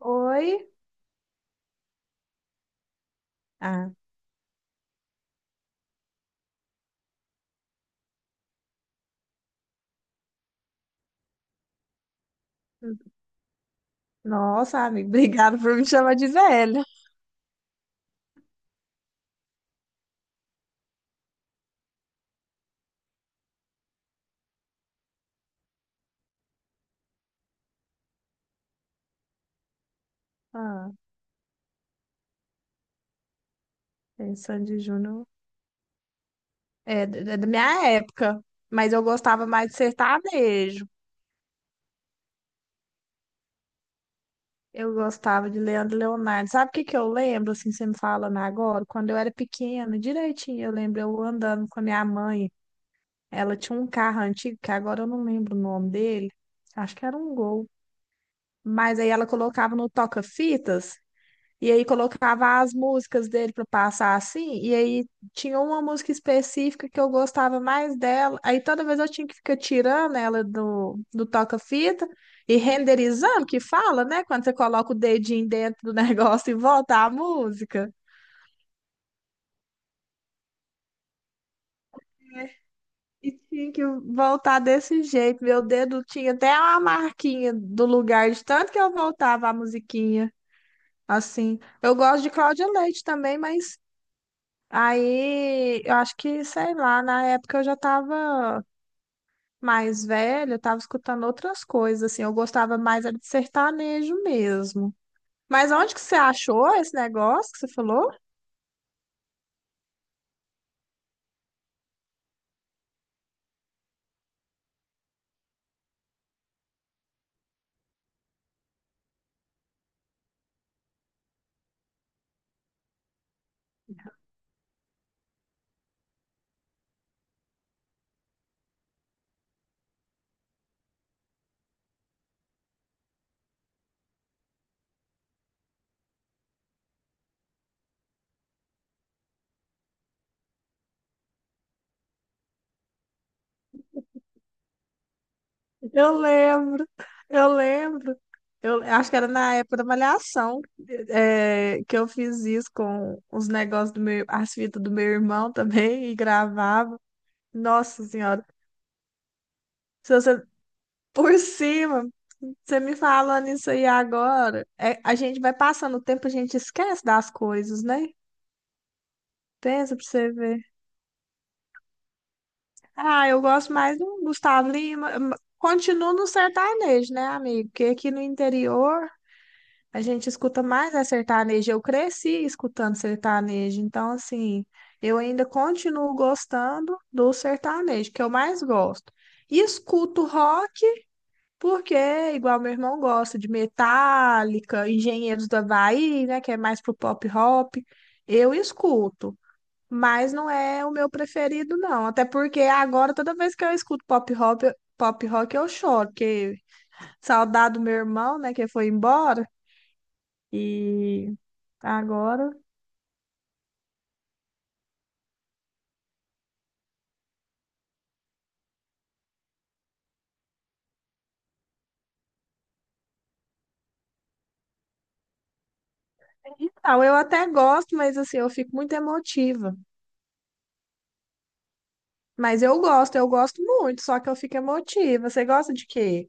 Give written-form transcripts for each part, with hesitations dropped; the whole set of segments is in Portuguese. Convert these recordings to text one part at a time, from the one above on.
Oi? Ah, nossa, amigo, obrigado por me chamar de velha. Ah, é, Sandy Júnior é, é da minha época, mas eu gostava mais de sertanejo. Eu gostava de Leandro e Leonardo. Sabe o que que eu lembro, assim, você me falando agora? Quando eu era pequena, direitinho, eu lembro eu andando com a minha mãe. Ela tinha um carro antigo, que agora eu não lembro o nome dele. Acho que era um Gol. Mas aí ela colocava no toca-fitas. E aí colocava as músicas dele para passar assim, e aí tinha uma música específica que eu gostava mais dela. Aí toda vez eu tinha que ficar tirando ela do toca-fita e renderizando, que fala, né? Quando você coloca o dedinho dentro do negócio e volta a música. E tinha que voltar desse jeito. Meu dedo tinha até uma marquinha do lugar de tanto que eu voltava a musiquinha. Assim, eu gosto de Cláudia Leite também, mas aí, eu acho que, sei lá, na época eu já estava mais velha, eu estava escutando outras coisas, assim, eu gostava mais era de sertanejo mesmo. Mas onde que você achou esse negócio que você falou? Eu lembro, eu lembro. Eu acho que era na época da Malhação, é que eu fiz isso com os negócios do meu, as fitas do meu irmão também e gravava. Nossa Senhora, se você por cima, você me falando isso aí agora, é, a gente vai passando o tempo, a gente esquece das coisas, né? Pensa pra você ver. Ah, eu gosto mais do Gustavo Lima. Continuo no sertanejo, né, amigo? Porque aqui no interior a gente escuta mais é sertanejo. Eu cresci escutando sertanejo, então assim, eu ainda continuo gostando do sertanejo, que eu mais gosto. E escuto rock. Porque, é igual meu irmão gosta de Metallica, Engenheiros do Havaí, né, que é mais pro pop rock, eu escuto, mas não é o meu preferido, não. Até porque agora, toda vez que eu escuto pop rock eu choro, porque saudade do meu irmão, né, que foi embora, e agora... Então, eu até gosto, mas assim, eu fico muito emotiva. Mas eu gosto muito, só que eu fico emotiva. Você gosta de quê?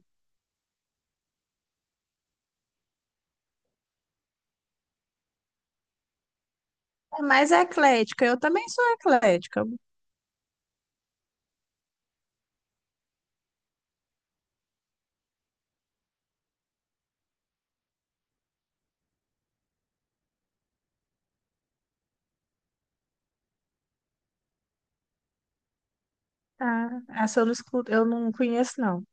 É mais eclética, eu também sou eclética. Ah, essa eu não escuto, eu não conheço, não.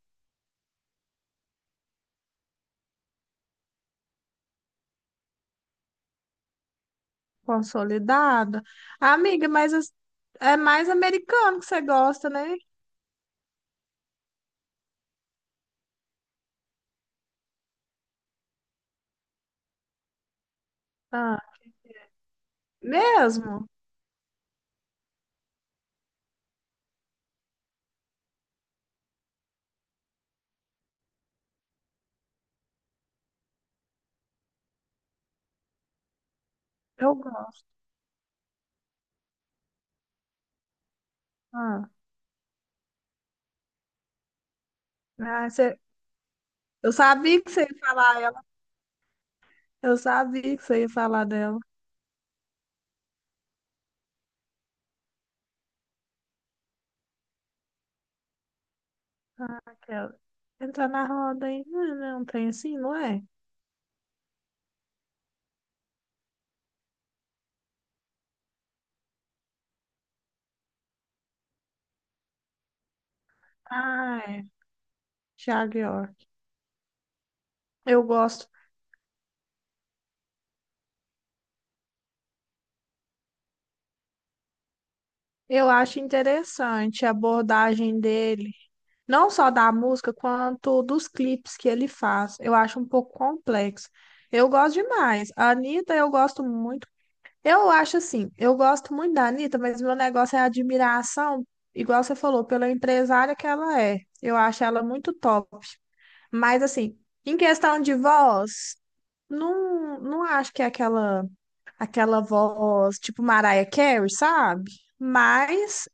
Consolidada. Amiga, mas é mais americano que você gosta, né? Ah, mesmo? Eu gosto. Ah, ah, eu sabia que você ia falar ela. Eu sabia que você ia falar dela. Ah, aquela. Entrar na roda aí. Não, não tem assim, não é? Ah, é. Thiago York. Eu gosto. Eu acho interessante a abordagem dele. Não só da música, quanto dos clipes que ele faz. Eu acho um pouco complexo. Eu gosto demais. A Anitta, eu gosto muito. Eu acho assim, eu gosto muito da Anitta, mas meu negócio é a admiração, igual você falou, pela empresária que ela é. Eu acho ela muito top. Mas assim, em questão de voz, não, não acho que é aquela, aquela voz tipo Mariah Carey, sabe? Mas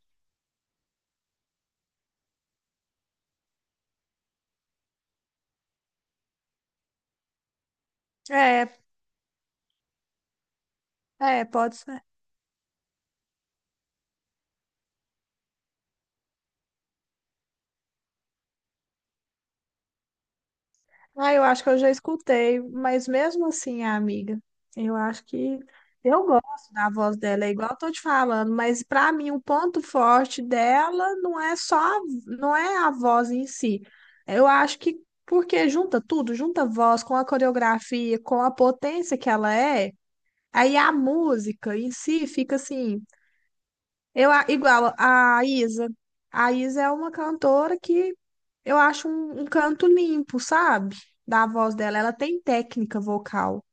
é, é, pode. Ah, eu acho que eu já escutei, mas mesmo assim, amiga, eu acho que eu gosto da voz dela, é igual eu tô te falando, mas para mim o ponto forte dela não é só, não é a voz em si. Eu acho que porque junta tudo, junta a voz com a coreografia, com a potência que ela é, aí a música em si fica assim. Eu, igual a Isa. A Isa é uma cantora que eu acho um canto limpo, sabe? Da voz dela. Ela tem técnica vocal.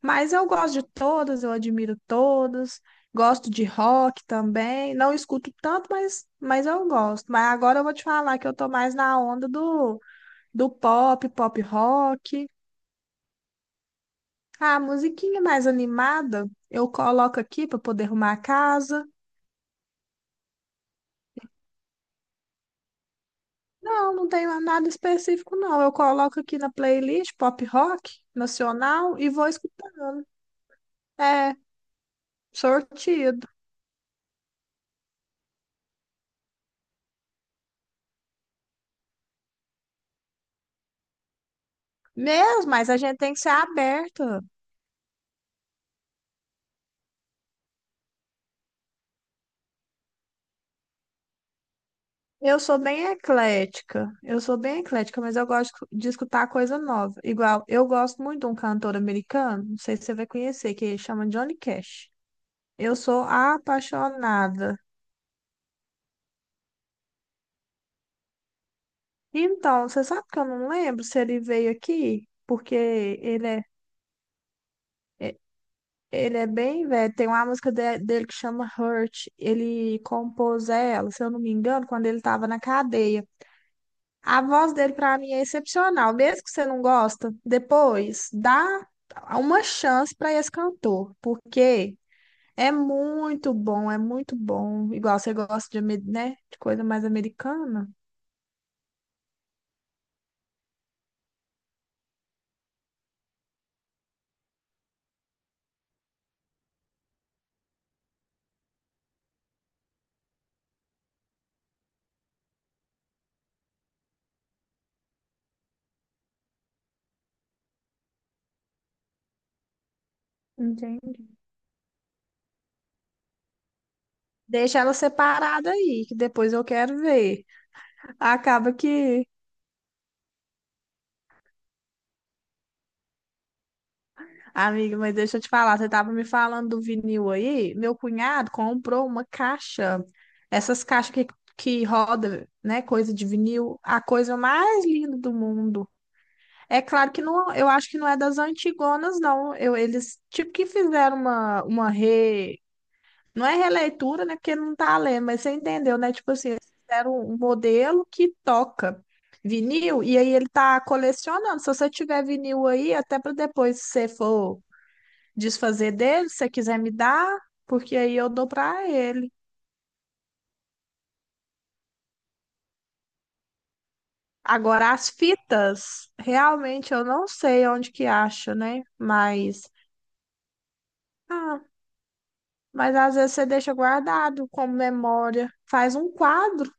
Mas eu gosto de todas, eu admiro todas. Gosto de rock também. Não escuto tanto, mas eu gosto. Mas agora eu vou te falar que eu tô mais na onda do, do pop, pop rock. A musiquinha mais animada eu coloco aqui para poder arrumar a casa. Não, não tenho nada específico, não. Eu coloco aqui na playlist pop rock nacional e vou escutar. É, sortido. Mesmo, mas a gente tem que ser aberta. Eu sou bem eclética. Eu sou bem eclética, mas eu gosto de escutar coisa nova. Igual, eu gosto muito de um cantor americano, não sei se você vai conhecer, que ele chama Johnny Cash. Eu sou apaixonada. Então, você sabe que eu não lembro se ele veio aqui, porque ele é. Ele é bem velho. Tem uma música dele que chama Hurt. Ele compôs ela, se eu não me engano, quando ele estava na cadeia. A voz dele, pra mim, é excepcional. Mesmo que você não gosta, depois dá uma chance para esse cantor, porque é muito bom, é muito bom. Igual você gosta de, né, de coisa mais americana. Entendi. Deixa ela separada aí, que depois eu quero ver. Acaba que amiga, mas deixa eu te falar, você estava me falando do vinil aí? Meu cunhado comprou uma caixa, essas caixas que roda, né, coisa de vinil, a coisa mais linda do mundo. É claro que não, eu acho que não é das antigonas, não. Eu, eles tipo que fizeram uma re... Não é releitura, né, porque não tá lendo, mas você entendeu, né? Tipo assim, eles fizeram um modelo que toca vinil, e aí ele tá colecionando. Se você tiver vinil aí, até para depois, se você for desfazer dele, se você quiser me dar, porque aí eu dou para ele. Agora, as fitas, realmente eu não sei onde que acha, né? Mas, ah, mas às vezes você deixa guardado como memória. Faz um quadro,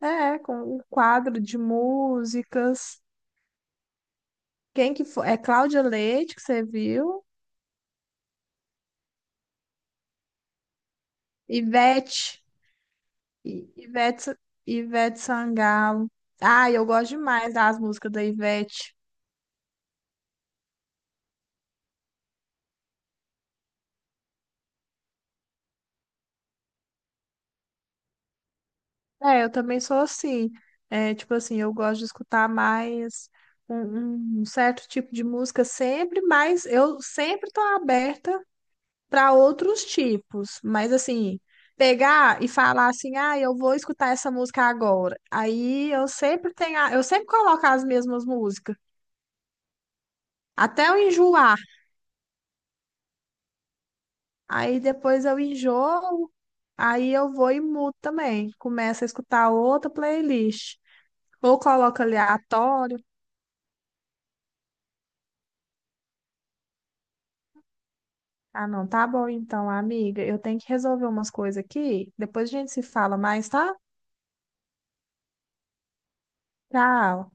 é, com um quadro de músicas. Quem que foi? É Cláudia Leite, que você viu. Ivete, Ivete, Ivete Sangalo. Ah, eu gosto demais das músicas da Ivete. É, eu também sou assim. É, tipo assim, eu gosto de escutar mais um certo tipo de música sempre, mas eu sempre tô aberta para outros tipos. Mas assim, pegar e falar assim, ah, eu vou escutar essa música agora. Aí eu sempre tenho, eu sempre coloco as mesmas músicas, até eu enjoar. Aí depois eu enjoo, aí eu vou e mudo também. Começo a escutar outra playlist. Ou coloco aleatório. Ah, não, tá bom então, amiga. Eu tenho que resolver umas coisas aqui. Depois a gente se fala mais, tá? Tchau.